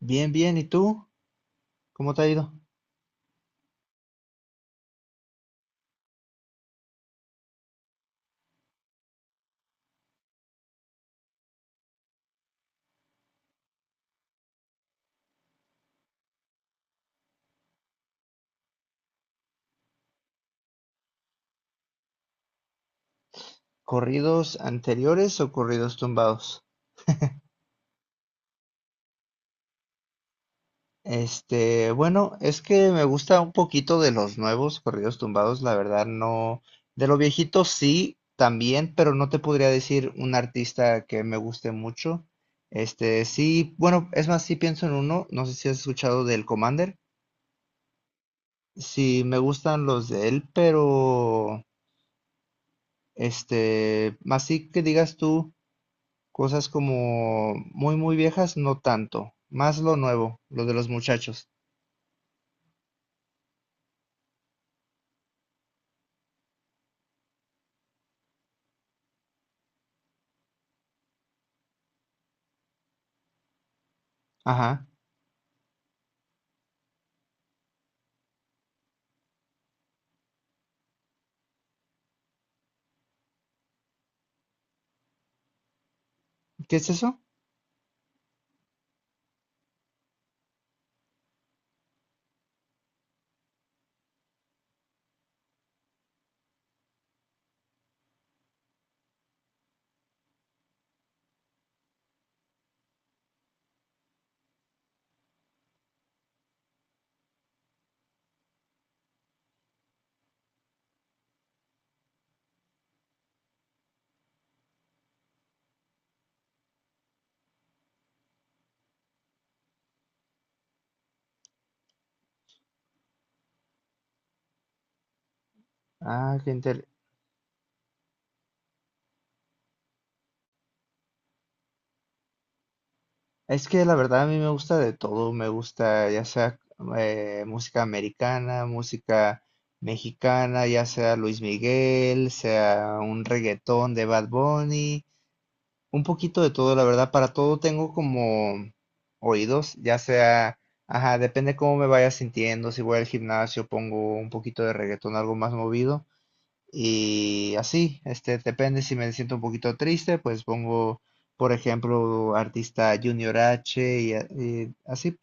Bien, bien, ¿y tú? ¿Cómo te ha ido? ¿Corridos anteriores o corridos tumbados? Bueno, es que me gusta un poquito de los nuevos corridos tumbados, la verdad no. De lo viejito sí, también, pero no te podría decir un artista que me guste mucho. Sí, bueno, es más, sí pienso en uno, no sé si has escuchado del Commander. Sí, me gustan los de él, pero más sí que digas tú. Cosas como muy viejas, no tanto. Más lo nuevo, lo de los muchachos. Ajá. ¿Qué es eso? Ah, qué inter- Es que la verdad a mí me gusta de todo. Me gusta ya sea música americana, música mexicana, ya sea Luis Miguel, sea un reggaetón de Bad Bunny. Un poquito de todo, la verdad, para todo tengo como oídos, ya sea, ajá, depende cómo me vaya sintiendo. Si voy al gimnasio pongo un poquito de reggaetón, algo más movido, y así, depende si me siento un poquito triste, pues pongo, por ejemplo, artista Junior H y así.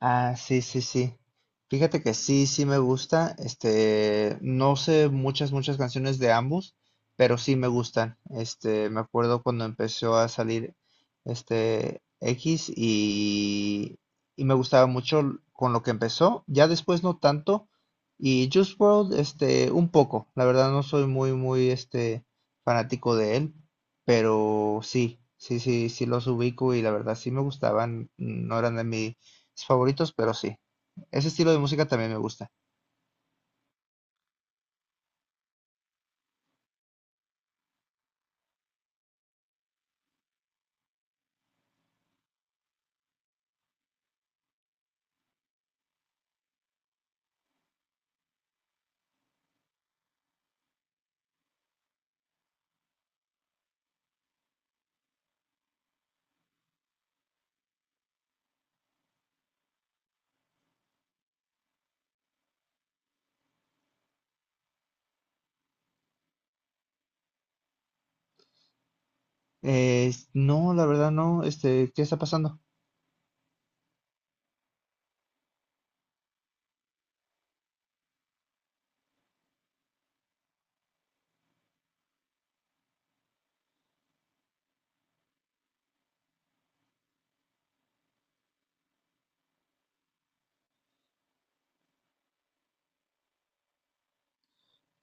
Ah, sí, sí, sí. Fíjate que sí, sí me gusta. No sé muchas canciones de ambos, pero sí me gustan. Me acuerdo cuando empezó a salir este X y me gustaba con lo que empezó. Ya después no tanto. Y Juice World, un poco. La verdad no soy muy fanático de él, pero sí, los ubico y la verdad sí me gustaban. No eran de mi mis favoritos, pero sí. Ese estilo de música también me gusta. No, la verdad no. ¿Qué está pasando?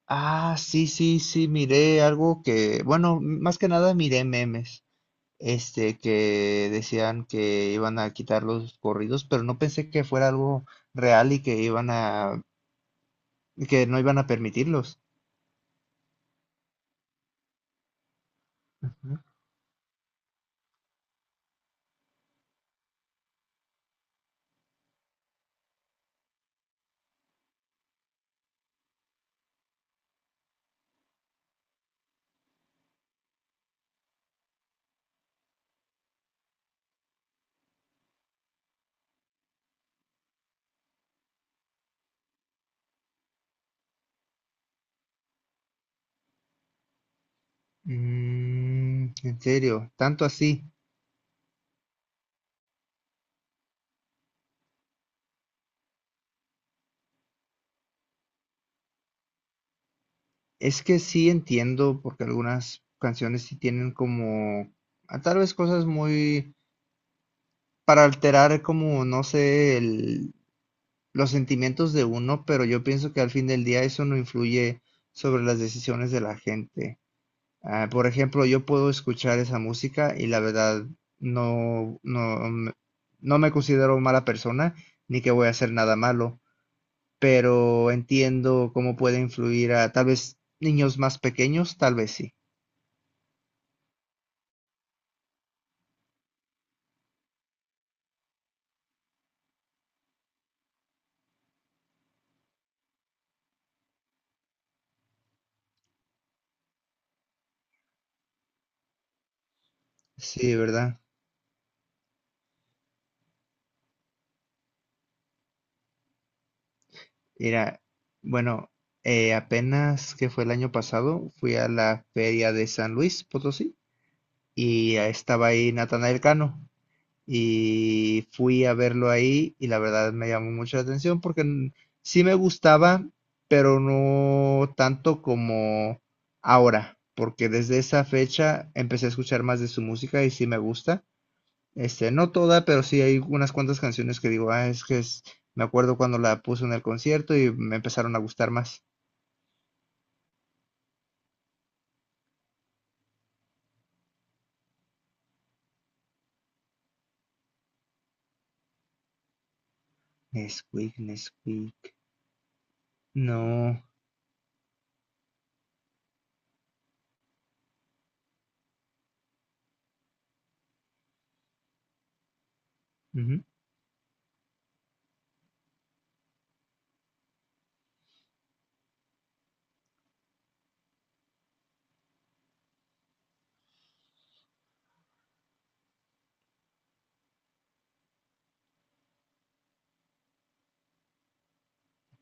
Ah, sí, sí, sí, miré algo que, bueno, más que nada miré memes, que decían que iban a quitar los corridos, pero no pensé que fuera algo real y que que no iban a permitirlos. Ujú. Mm, ¿en serio, tanto así? Es que sí entiendo, porque algunas canciones sí tienen como, ah, tal vez cosas muy, para alterar como, no sé, los sentimientos de uno, pero yo pienso que al fin del día eso no influye sobre las decisiones de la gente. Ah, por ejemplo, yo puedo escuchar esa música y la verdad no, no, me- no me considero mala persona, ni que voy a hacer nada malo, pero entiendo cómo puede influir a tal vez niños más pequeños, tal vez sí. Sí, ¿verdad? Mira, bueno, apenas que fue el año pasado, fui a la feria de San Luis Potosí y ahí estaba ahí Natanael Cano y fui a verlo ahí y la verdad me llamó mucho la atención porque sí me gustaba, pero no tanto como ahora, porque desde esa fecha empecé a escuchar más de su música y sí me gusta. No toda, pero sí hay unas cuantas canciones que digo, ah, me acuerdo cuando la puso en el concierto y me empezaron a gustar más. Nesquik, Nesquik. No. Ujú.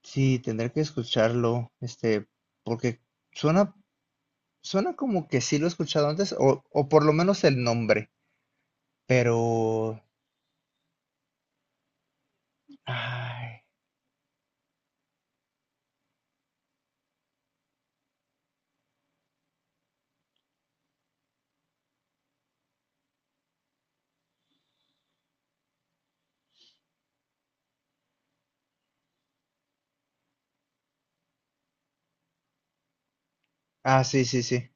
Sí, tendré que escucharlo, porque suena, suena como que sí lo he escuchado antes, o por lo menos el nombre, pero... Ay. Ah, sí, sí, sí.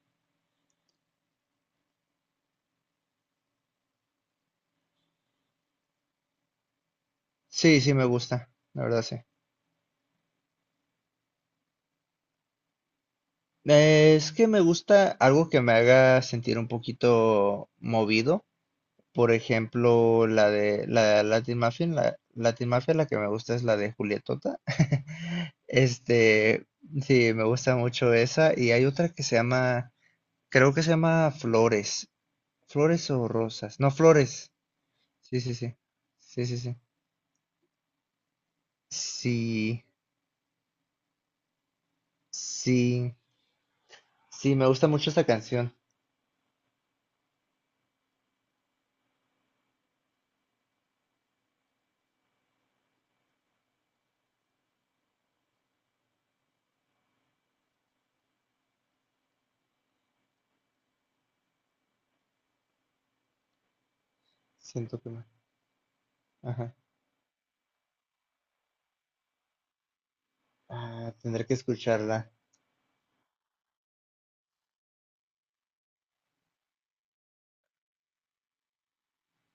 Sí, sí, me gusta, la verdad, sí. Es que me gusta algo que me haga sentir un poquito movido. Por ejemplo, la de la Latin Mafia, la que me gusta es la de Julietota. Este, sí, me gusta mucho esa. Y hay otra que se llama, creo que se llama Flores. Flores o Rosas. No, Flores. Sí, sí, sí. Sí, sí, sí. Sí, sí. Sí, me gusta mucho esta canción. Siento que me... Ajá. Ah, tendré que escucharla.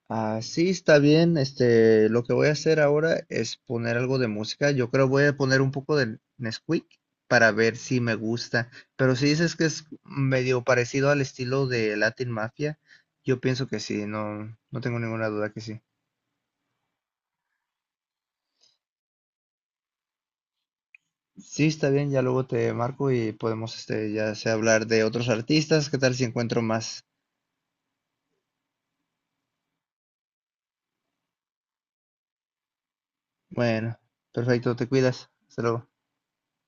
Ah, sí, está bien. Lo que voy a hacer ahora es poner algo de música. Yo creo voy a poner un poco de Nesquik para ver si me gusta. Pero si dices que es medio parecido al estilo de Latin Mafia, yo pienso que sí, no, no tengo ninguna duda que sí. Sí, está bien, ya luego te marco y podemos, ya sea hablar de otros artistas. ¿Qué tal si encuentro más? Bueno, perfecto, te cuidas. Hasta luego.